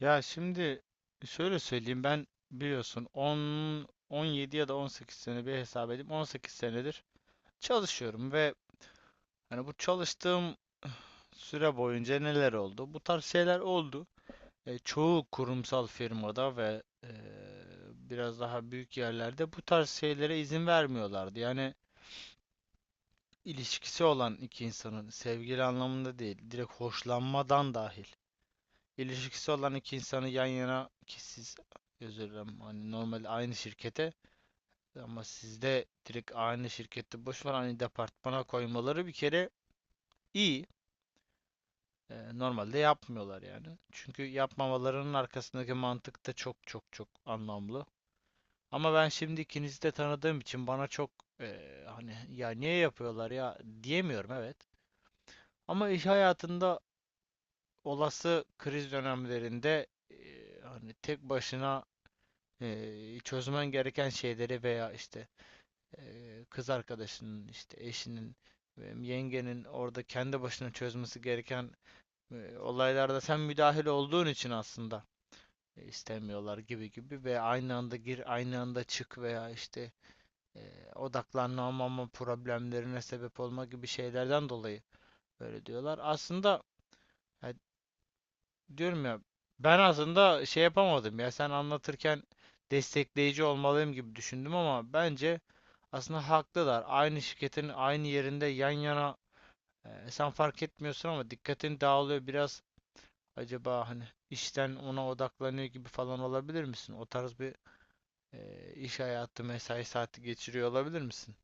Ya şimdi şöyle söyleyeyim, ben biliyorsun 10 17 ya da 18 sene bir hesap edeyim, 18 senedir çalışıyorum ve hani bu çalıştığım süre boyunca neler oldu? Bu tarz şeyler oldu. Çoğu kurumsal firmada ve biraz daha büyük yerlerde bu tarz şeylere izin vermiyorlardı. Yani ilişkisi olan iki insanın, sevgili anlamında değil, direkt hoşlanmadan dahil, ilişkisi olan iki insanı yan yana, ki siz, özür dilerim, hani normal aynı şirkete, ama sizde direkt aynı şirkette, boş ver, aynı departmana koymaları bir kere iyi. Normalde yapmıyorlar, yani. Çünkü yapmamalarının arkasındaki mantık da çok çok çok anlamlı. Ama ben şimdi ikinizi de tanıdığım için bana çok hani ya niye yapıyorlar ya diyemiyorum, evet. Ama iş hayatında olası kriz dönemlerinde hani tek başına çözmen gereken şeyleri veya işte kız arkadaşının, işte eşinin, yengenin orada kendi başına çözmesi gereken olaylarda sen müdahil olduğun için aslında istemiyorlar gibi gibi, ve aynı anda gir, aynı anda çık veya işte e, odaklanamama problemlerine sebep olma gibi şeylerden dolayı böyle diyorlar. Aslında, ya diyorum ya, ben aslında şey yapamadım, ya sen anlatırken destekleyici olmalıyım gibi düşündüm, ama bence aslında haklılar. Aynı şirketin aynı yerinde yan yana, sen fark etmiyorsun ama dikkatin dağılıyor biraz. Acaba hani işten ona odaklanıyor gibi falan olabilir misin? O tarz bir iş hayatı, mesai saati geçiriyor olabilir misin?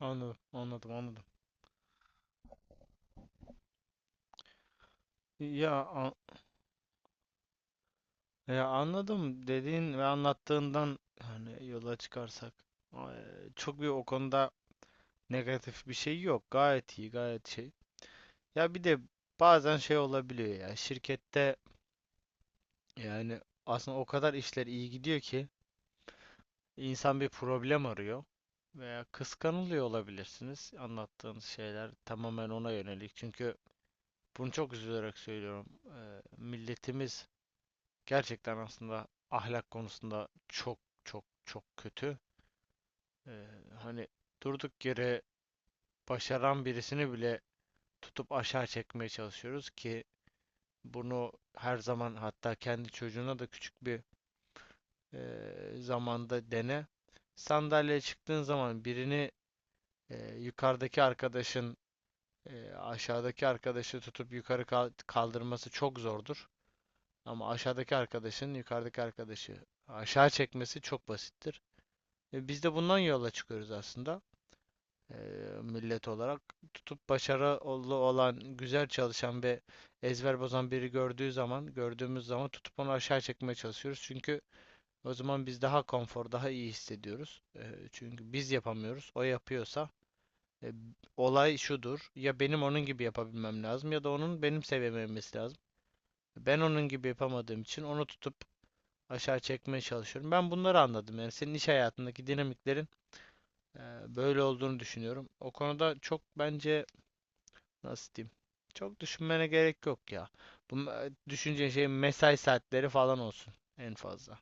Anladım, anladım, anladım. Ya, an- ya, anladım dediğin ve anlattığından hani yola çıkarsak e, çok bir o konuda negatif bir şey yok. Gayet iyi, gayet şey. Ya bir de bazen şey olabiliyor ya şirkette, yani aslında o kadar işler iyi gidiyor ki insan bir problem arıyor veya kıskanılıyor olabilirsiniz. Anlattığınız şeyler tamamen ona yönelik. Çünkü bunu çok üzülerek söylüyorum. Milletimiz gerçekten aslında ahlak konusunda çok çok çok kötü. Eee, Hani durduk yere başaran birisini bile tutup aşağı çekmeye çalışıyoruz ki bunu her zaman, hatta kendi çocuğuna da küçük bir zamanda dene. Sandalyeye çıktığın zaman birini, yukarıdaki arkadaşın aşağıdaki arkadaşı tutup yukarı kaldırması çok zordur. Ama aşağıdaki arkadaşın yukarıdaki arkadaşı aşağı çekmesi çok basittir. Biz de bundan yola çıkıyoruz aslında. eee, Millet olarak tutup başarılı olan, güzel çalışan ve ezber bozan biri gördüğü zaman, gördüğümüz zaman tutup onu aşağı çekmeye çalışıyoruz. Çünkü o zaman biz daha konfor, daha iyi hissediyoruz. Çünkü biz yapamıyoruz. O yapıyorsa e, olay şudur. Ya benim onun gibi yapabilmem lazım ya da onun benim seviyeme inmesi lazım. Ben onun gibi yapamadığım için onu tutup aşağı çekmeye çalışıyorum. Ben bunları anladım. Yani senin iş hayatındaki dinamiklerin eee, böyle olduğunu düşünüyorum. O konuda, çok bence, nasıl diyeyim? Çok düşünmene gerek yok ya. Bu me- Şey, mesai saatleri falan olsun en fazla.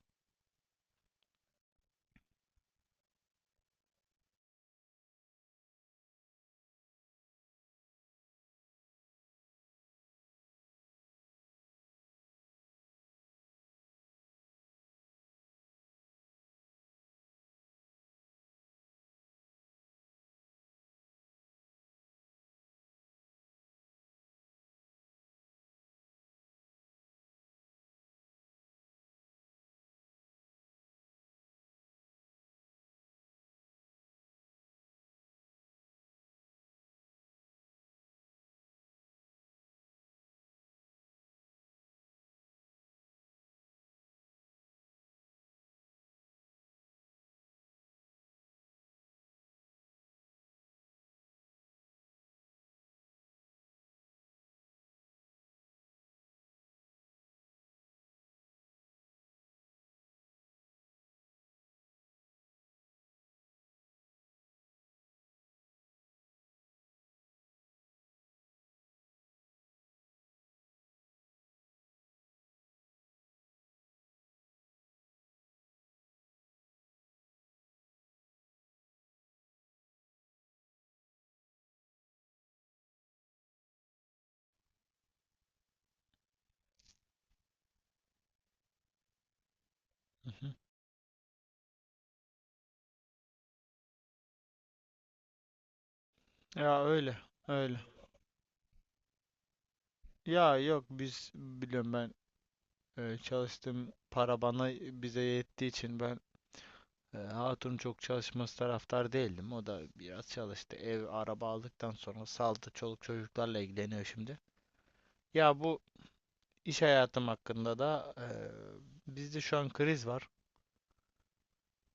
Hı hı. Ya öyle, öyle. Ya yok, biz biliyorum, ben çalıştım, para bana bize yettiği için ben hatun çok çalışması taraftar değildim. O da biraz çalıştı. Ev araba aldıktan sonra saldı, çoluk çocuklarla ilgileniyor şimdi. Ya bu iş hayatım hakkında da, bizde şu an kriz var.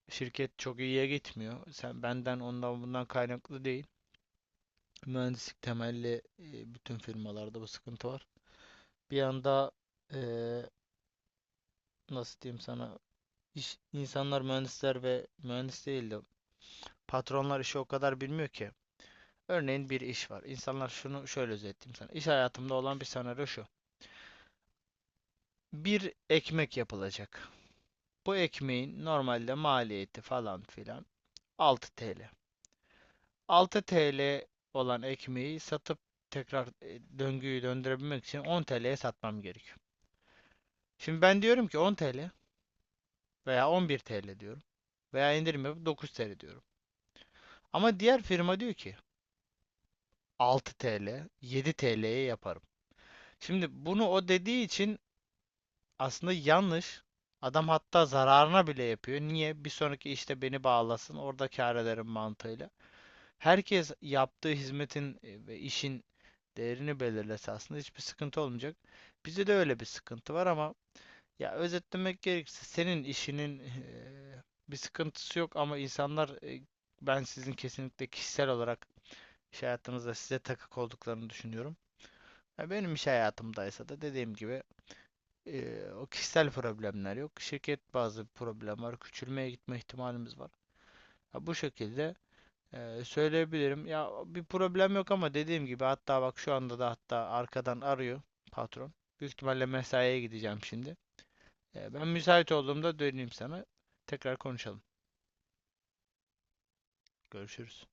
Şirket çok iyiye gitmiyor. Sen benden ondan bundan kaynaklı değil. Mühendislik temelli, bütün firmalarda bu sıkıntı var. Bir yanda e, nasıl diyeyim sana, İş, insanlar, mühendisler ve mühendis değil de patronlar işi o kadar bilmiyor ki. Örneğin bir iş var. İnsanlar şunu, şöyle özetleyeyim sana. İş hayatımda olan bir senaryo şu. Bir ekmek yapılacak. Bu ekmeğin normalde maliyeti falan filan 6 TL. 6 TL olan ekmeği satıp tekrar döngüyü döndürebilmek için 10 TL'ye satmam gerekiyor. Şimdi ben diyorum ki 10 TL veya 11 TL diyorum veya indirim yapıp 9 TL diyorum. Ama diğer firma diyor ki 6 TL, 7 TL'ye yaparım. Şimdi bunu o dediği için aslında yanlış. Adam hatta zararına bile yapıyor. Niye? Bir sonraki işte beni bağlasın, orada kâr ederim mantığıyla. Herkes yaptığı hizmetin ve işin değerini belirlese aslında hiçbir sıkıntı olmayacak. Bizde de öyle bir sıkıntı var ama, ya, özetlemek gerekirse, senin işinin bir sıkıntısı yok, ama insanlar, ben sizin kesinlikle kişisel olarak iş hayatınızda size takık olduklarını düşünüyorum. Ya benim iş hayatımdaysa da dediğim gibi, o kişisel problemler yok. Şirket bazı problem var. Küçülmeye gitme ihtimalimiz var. Ya bu şekilde söyleyebilirim. Ya bir problem yok ama dediğim gibi, hatta bak, şu anda da hatta arkadan arıyor patron. Büyük ihtimalle mesaiye gideceğim şimdi. Ben müsait olduğumda döneyim sana. Tekrar konuşalım. Görüşürüz.